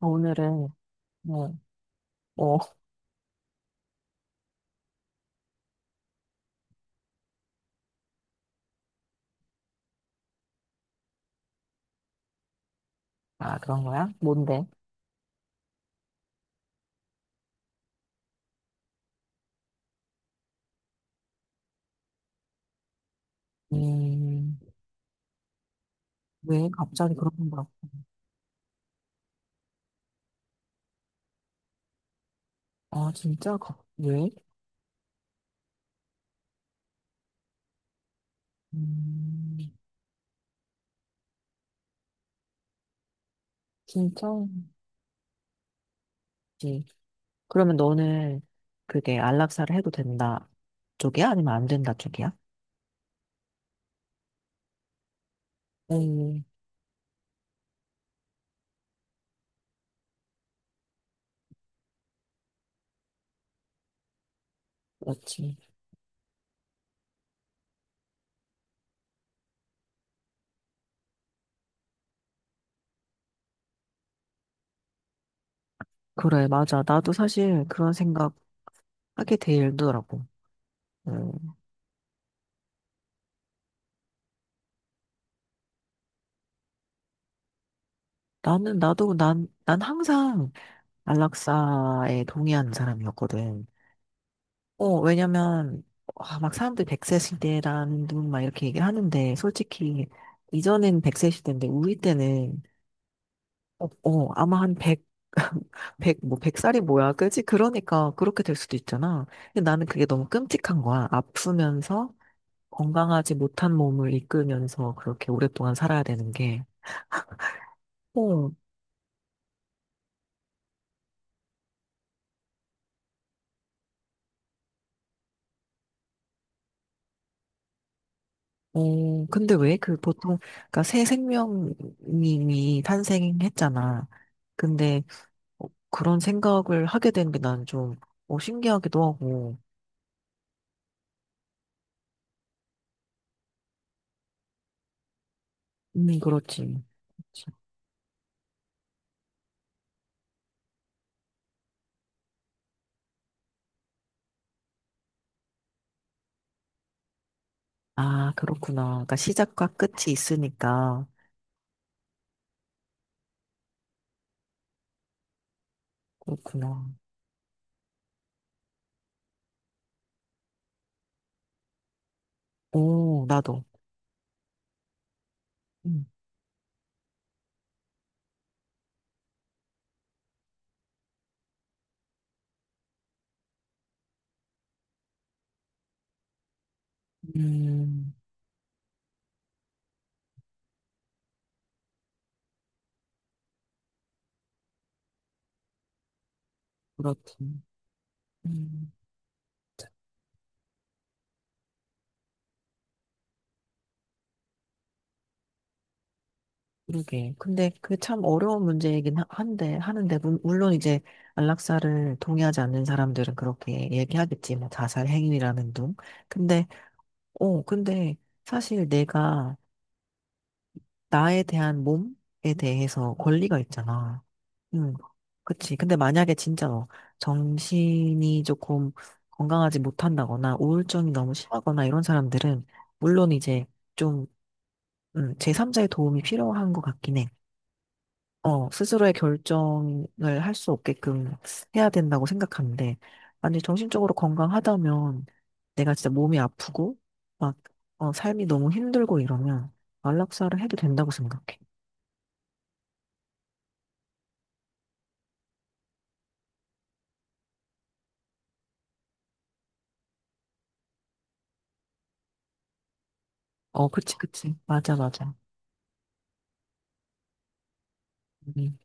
오늘은, 뭐, 아, 그런 거야? 뭔데? 음, 왜 갑자기 그런 거? 아, 진짜? 왜? 음, 진짜지. 그러면 너는 그게 안락사를 해도 된다 쪽이야? 아니면 안 된다 쪽이야? 음, 그렇지. 그래, 맞아. 나도 사실 그런 생각 하게 되더라고. 음, 난 항상 안락사에 동의하는 사람이었거든. 왜냐면, 아, 막 사람들 100세 시대라는 둥막 이렇게 얘기를 하는데, 솔직히, 이전엔 100세 시대인데, 우리 때는, 아마 한 100, 뭐, 백 살이 뭐야, 그지? 그러니까, 그렇게 될 수도 있잖아. 근데 나는 그게 너무 끔찍한 거야. 아프면서, 건강하지 못한 몸을 이끌면서 그렇게 오랫동안 살아야 되는 게. 어, 근데 왜? 그 보통, 그니까 새 생명이 탄생했잖아. 근데, 그런 생각을 하게 되는 게 난 좀, 신기하기도 하고. 그렇지. 그렇지. 아, 그렇구나. 그러니까 시작과 끝이 있으니까. 그렇구나. 오, 나도. 음, 음, 그렇지. 음, 그러게. 근데 그 참 어려운 문제이긴 하는데, 물론 이제 안락사를 동의하지 않는 사람들은 그렇게 얘기하겠지. 뭐, 자살 행위라는 둥. 근데, 근데 사실 내가 나에 대한 몸에 대해서 권리가 있잖아. 응, 그치. 근데 만약에 진짜 너 정신이 조금 건강하지 못한다거나 우울증이 너무 심하거나 이런 사람들은 물론 이제 좀 제3자의 도움이 필요한 것 같긴 해. 스스로의 결정을 할 수 없게끔 해야 된다고 생각하는데, 아니, 정신적으로 건강하다면 내가 진짜 몸이 아프고 막 삶이 너무 힘들고 이러면 안락사를 해도 된다고 생각해. 그치, 그치. 맞아, 맞아. 음,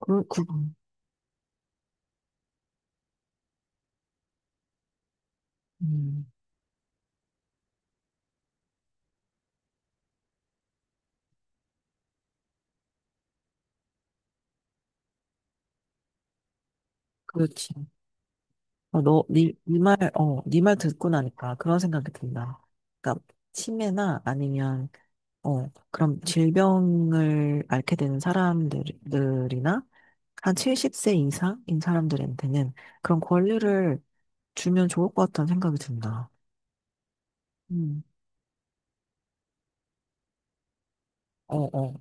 그, 그, 음, 그렇지. 어, 너, 니, 니 말, 어, 니 말 듣고 나니까 그런 생각이 든다. 그러니까, 치매나 아니면, 그럼 질병을 앓게 되는 사람들이나, 한 70세 이상인 사람들한테는 그런 권리를 주면 좋을 것 같다는 생각이 든다. 음, 어, 어.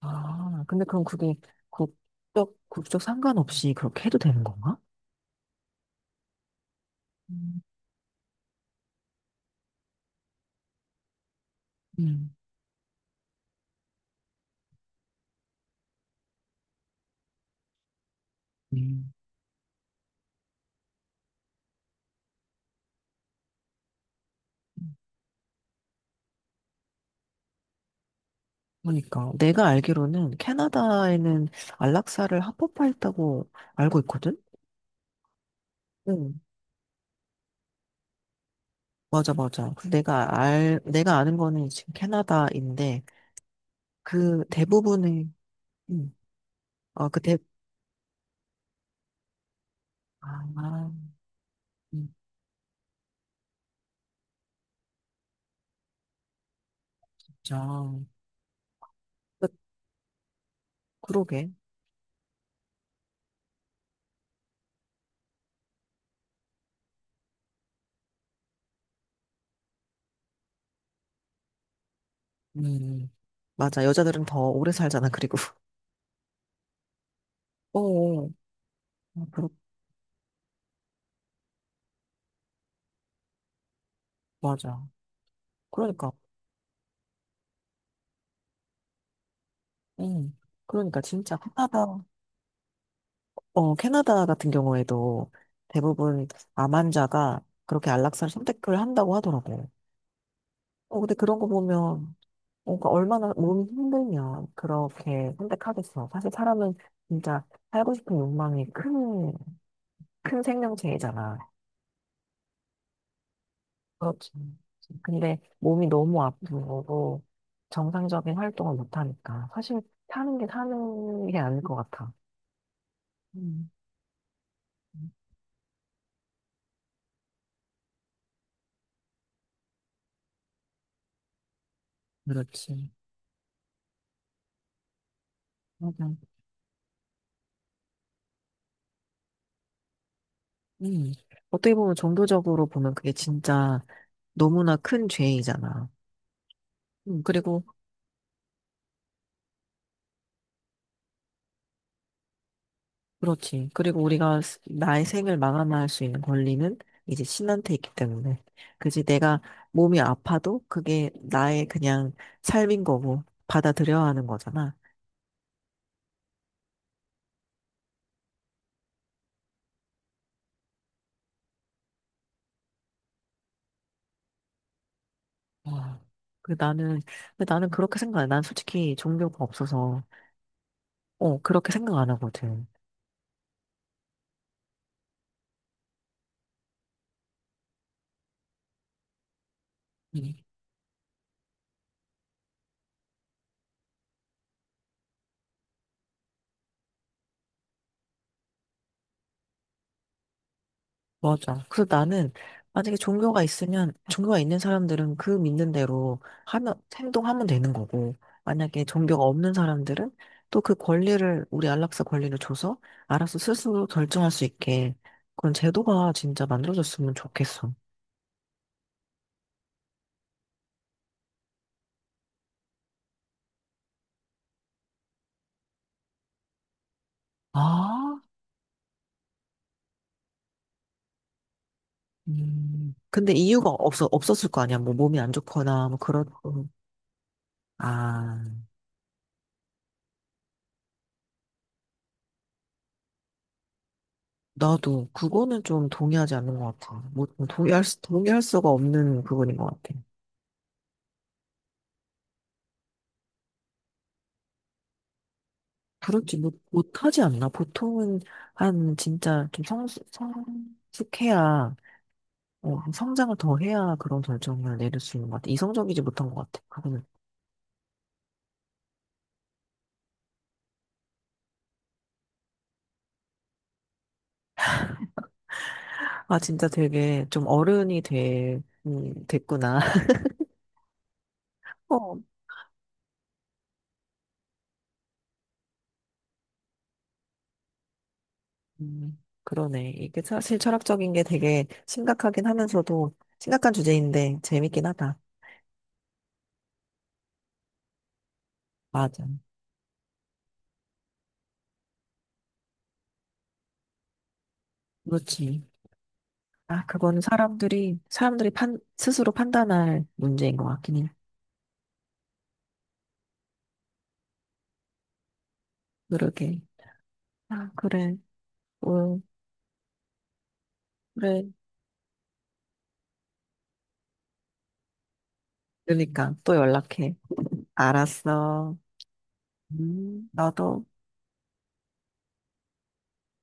아, 근데 그럼 그게 국적 상관없이 그렇게 해도 되는 건가? 음. 음. 음. 그러니까 내가 알기로는 캐나다에는 안락사를 합법화했다고 알고 있거든? 응. 맞아, 맞아. 그 내가 아는 거는 지금 캐나다인데 그 대부분의 음, 어, 그 대, 아, 진짜. 그- 그러게. 음. 맞아. 여자들은 더 오래 살잖아, 그리고. 어, 어. 아, 맞아. 그러니까. 응. 그러니까 진짜 캐나다 같은 경우에도 대부분 암 환자가 그렇게 안락사를 선택을 한다고 하더라고. 근데 그런 거 보면, 그 얼마나 몸이 힘들면 그렇게 선택하겠어. 사실 사람은 진짜 살고 싶은 욕망이 큰 생명체이잖아. 그렇지. 근데 몸이 너무 아픈 거고, 정상적인 활동을 못하니까. 사실 사는 게 사는 게 아닐 것 같아. 음, 그렇지. 맞아. 음. 어떻게 보면 정도적으로 보면 그게 진짜 너무나 큰 죄이잖아. 그리고, 그렇지. 그리고 우리가 나의 생을 마감할 수 있는 권리는 이제 신한테 있기 때문에. 그지? 내가 몸이 아파도 그게 나의 그냥 삶인 거고 받아들여야 하는 거잖아. 와. 그 나는, 근데 나는 그렇게 생각해. 난 솔직히 종교가 없어서, 그렇게 생각 안 하거든. 맞아. 그래서 나는 만약에 종교가 있으면 종교가 있는 사람들은 그 믿는 대로 하면 행동하면 되는 거고 만약에 종교가 없는 사람들은 또 그 권리를 우리 안락사 권리를 줘서 알아서 스스로 결정할 수 있게 그런 제도가 진짜 만들어졌으면 좋겠어. 아, 근데 이유가 없어 없었을 거 아니야. 뭐 몸이 안 좋거나 뭐 그렇고. 아, 나도 그거는 좀 동의하지 않는 것 같아. 뭐 동의할 수가 없는 부분인 것 같아. 그렇지 못, 못하지 않나? 보통은 한 진짜 좀 성숙해야 성장을 더 해야 그런 결정을 내릴 수 있는 것 같아. 이성적이지 못한 것 같아. 그거는 아 진짜 되게 좀 어른이 돼, 됐구나. 어, 그러네. 이게 사실 철학적인 게 되게 심각하긴 하면서도 심각한 주제인데 재밌긴 하다. 맞아. 그렇지. 아, 그거는 사람들이 판 스스로 판단할 문제인 것 같긴 해. 그러게. 아, 그래. 응, 그래. 그러니까 또 연락해. 알았어. 음. 너도.